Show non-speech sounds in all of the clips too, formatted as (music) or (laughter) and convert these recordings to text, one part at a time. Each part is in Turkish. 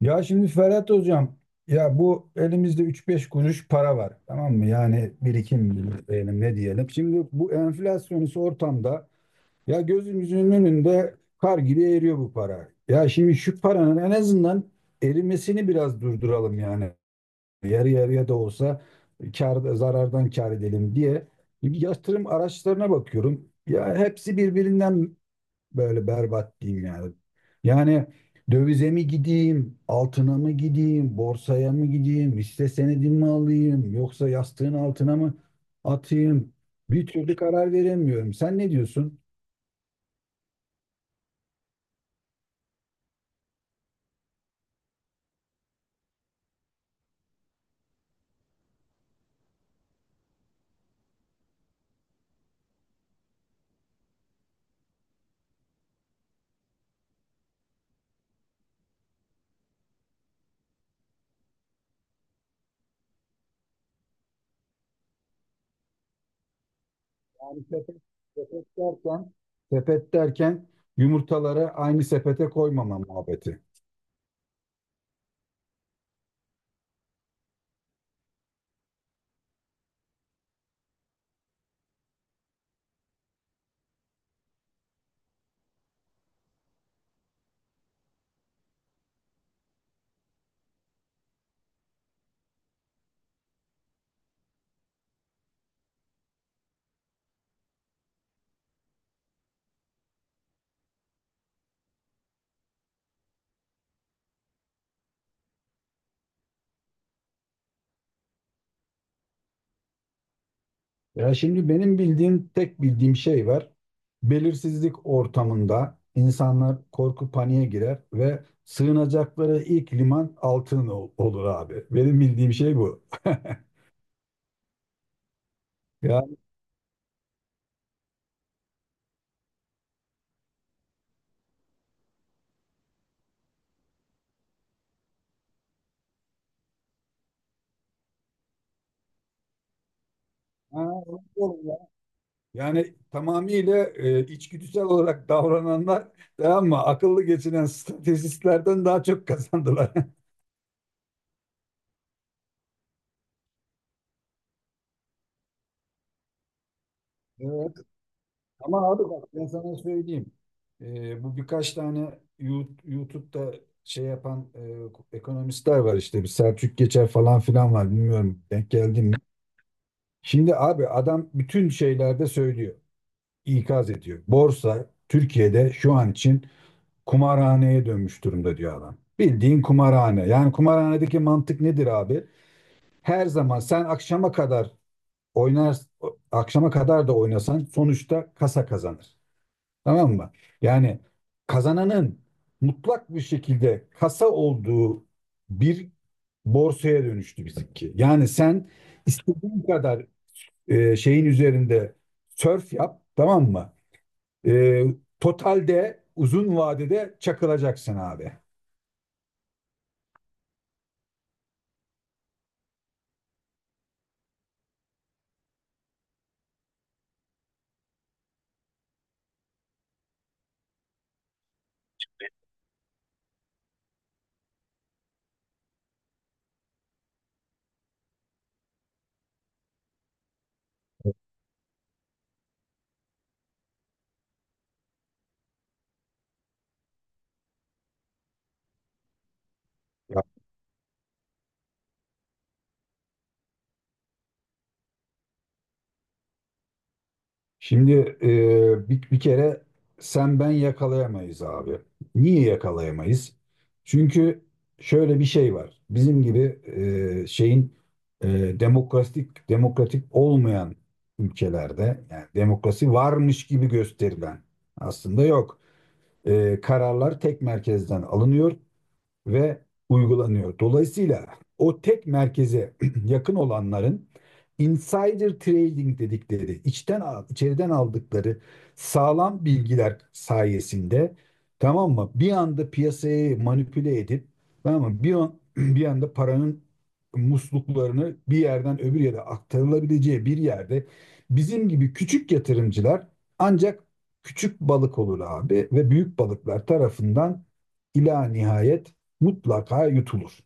Ya şimdi Ferhat Hocam, ya bu elimizde üç beş kuruş para var, tamam mı? Yani birikim diyelim, ne diyelim. Şimdi bu enflasyonist ortamda ya gözümüzün önünde kar gibi eriyor bu para. Ya şimdi şu paranın en azından erimesini biraz durduralım yani. Yarı yarıya da olsa kar, zarardan kar edelim diye. Yatırım araçlarına bakıyorum. Ya hepsi birbirinden böyle berbat diyeyim yani. Yani dövize mi gideyim, altına mı gideyim, borsaya mı gideyim, hisse senedi mi alayım, yoksa yastığın altına mı atayım? Bir türlü karar veremiyorum. Sen ne diyorsun? Yani sepet, sepet derken, sepet derken yumurtaları aynı sepete koymama muhabbeti. Ya şimdi benim bildiğim, tek bildiğim şey var. Belirsizlik ortamında insanlar korku paniğe girer ve sığınacakları ilk liman altın olur abi. Benim bildiğim şey bu. (laughs) Yani, ha, olur ya. Yani tamamıyla içgüdüsel olarak davrananlar, tamam mı? Akıllı geçinen stratejistlerden daha çok kazandılar. (laughs) Ama abi bak ben sana söyleyeyim. Bu birkaç tane YouTube'da şey yapan ekonomistler var işte. Bir Selçuk Geçer falan filan var. Bilmiyorum denk geldin mi? Şimdi abi adam bütün şeylerde söylüyor, ikaz ediyor. Borsa Türkiye'de şu an için kumarhaneye dönmüş durumda diyor adam. Bildiğin kumarhane. Yani kumarhanedeki mantık nedir abi? Her zaman sen akşama kadar oynar, akşama kadar da oynasan sonuçta kasa kazanır. Tamam mı? Yani kazananın mutlak bir şekilde kasa olduğu bir borsaya dönüştü bizimki. Yani sen istediğin kadar şeyin üzerinde sörf yap, tamam mı? E, Totalde uzun vadede çakılacaksın abi. Şimdi bir kere sen ben yakalayamayız abi. Niye yakalayamayız? Çünkü şöyle bir şey var. Bizim gibi şeyin, e, demokratik, demokratik olmayan ülkelerde, yani demokrasi varmış gibi gösterilen, aslında yok. Kararlar tek merkezden alınıyor ve uygulanıyor. Dolayısıyla o tek merkeze (clears throat) yakın olanların, insider trading dedikleri, içeriden aldıkları sağlam bilgiler sayesinde, tamam mı, bir anda piyasayı manipüle edip, tamam mı, (clears throat) bir anda paranın musluklarını bir yerden öbür yere aktarılabileceği bir yerde, bizim gibi küçük yatırımcılar ancak küçük balık olur abi ve büyük balıklar tarafından ila nihayet mutlaka yutulur.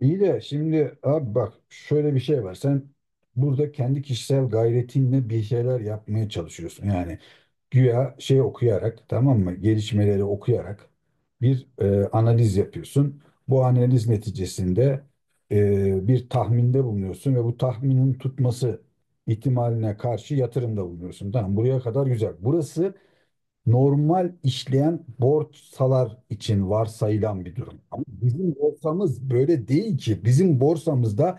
İyi de şimdi abi bak şöyle bir şey var. Sen burada kendi kişisel gayretinle bir şeyler yapmaya çalışıyorsun. Yani güya şey okuyarak, tamam mı? Gelişmeleri okuyarak bir analiz yapıyorsun. Bu analiz neticesinde bir tahminde bulunuyorsun ve bu tahminin tutması ihtimaline karşı yatırımda bulunuyorsun. Tamam, buraya kadar güzel. Burası normal işleyen borsalar için varsayılan bir durum. Ama bizim borsamız böyle değil ki. Bizim borsamızda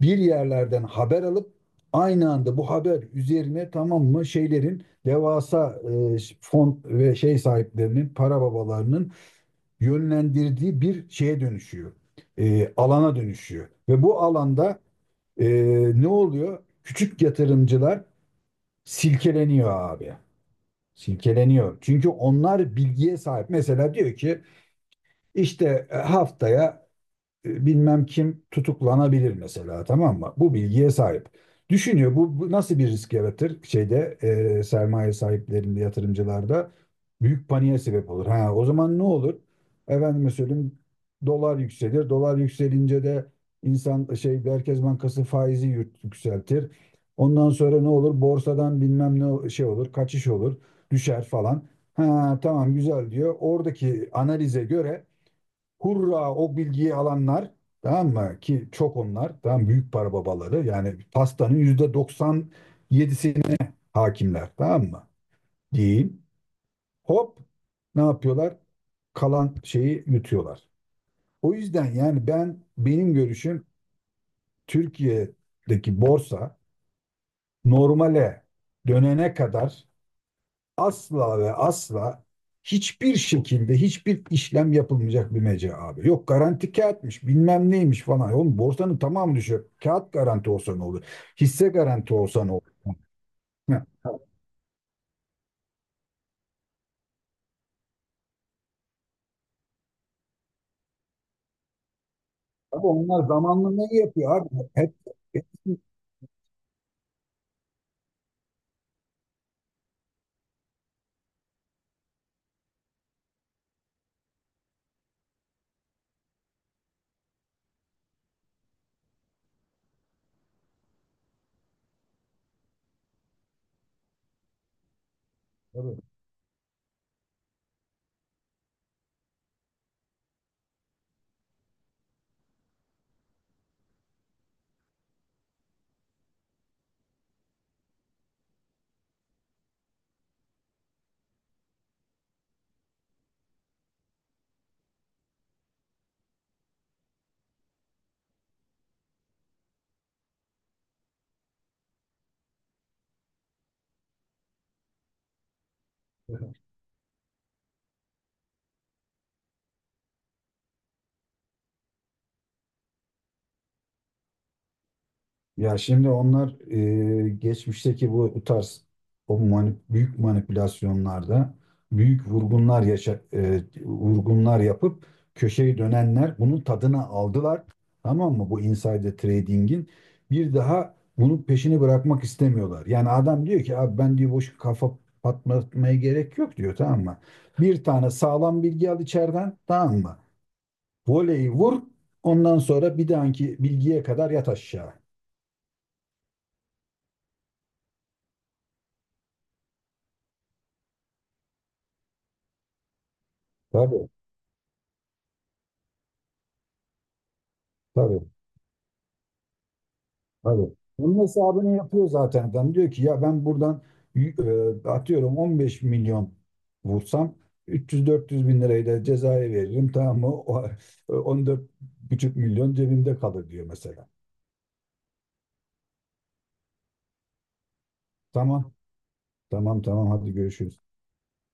bir yerlerden haber alıp aynı anda bu haber üzerine, tamam mı, şeylerin devasa fon ve şey sahiplerinin, para babalarının yönlendirdiği bir şeye dönüşüyor. Alana dönüşüyor. Ve bu alanda e, ne oluyor? Küçük yatırımcılar silkeleniyor abi. Silkeleniyor. Çünkü onlar bilgiye sahip. Mesela diyor ki işte haftaya bilmem kim tutuklanabilir mesela, tamam mı? Bu bilgiye sahip. Düşünüyor, bu nasıl bir risk yaratır şeyde, sermaye sahiplerinde, yatırımcılarda büyük paniğe sebep olur. Ha, o zaman ne olur? Efendime söyleyeyim, dolar yükselir. Dolar yükselince de insan şey, Merkez Bankası faizi yükseltir. Ondan sonra ne olur? Borsadan bilmem ne şey olur, kaçış olur, düşer falan. Ha tamam güzel diyor. Oradaki analize göre hurra o bilgiyi alanlar, tamam mı ki çok, onlar tamam, büyük para babaları yani pastanın yüzde 97'sine hakimler, tamam mı diyeyim. Hop, ne yapıyorlar? Kalan şeyi yutuyorlar. O yüzden yani ben, benim görüşüm, Türkiye'deki borsa normale dönene kadar asla ve asla hiçbir şekilde hiçbir işlem yapılmayacak bir mecra abi. Yok garanti kağıtmış, bilmem neymiş falan. Oğlum borsanın tamamı düşüyor. Kağıt garanti olsa ne olur? Hisse garanti olsa ne olur? Heh. Abi onlar zamanla ne yapıyor abi? Hep, hep- Tabii. Ya şimdi onlar geçmişteki bu tarz o büyük manipülasyonlarda büyük vurgunlar yapıp köşeyi dönenler bunun tadına aldılar. Tamam mı? Bu insider trading'in bir daha bunun peşini bırakmak istemiyorlar. Yani adam diyor ki abi, ben diyor boş kafa patlatmaya gerek yok diyor, tamam mı? Bir tane sağlam bilgi al içeriden, tamam mı? Voleyi vur, ondan sonra bir dahaki bilgiye kadar yat aşağı. Tabii. Tabii, tabii. Onun hesabını yapıyor zaten adam. Diyor ki ya ben buradan y- atıyorum 15 milyon vursam, 300-400 bin lirayı da cezaya veririm. Tamam mı? O, 14,5 milyon cebimde kalır diyor mesela. Tamam, tamam, tamam, hadi görüşürüz.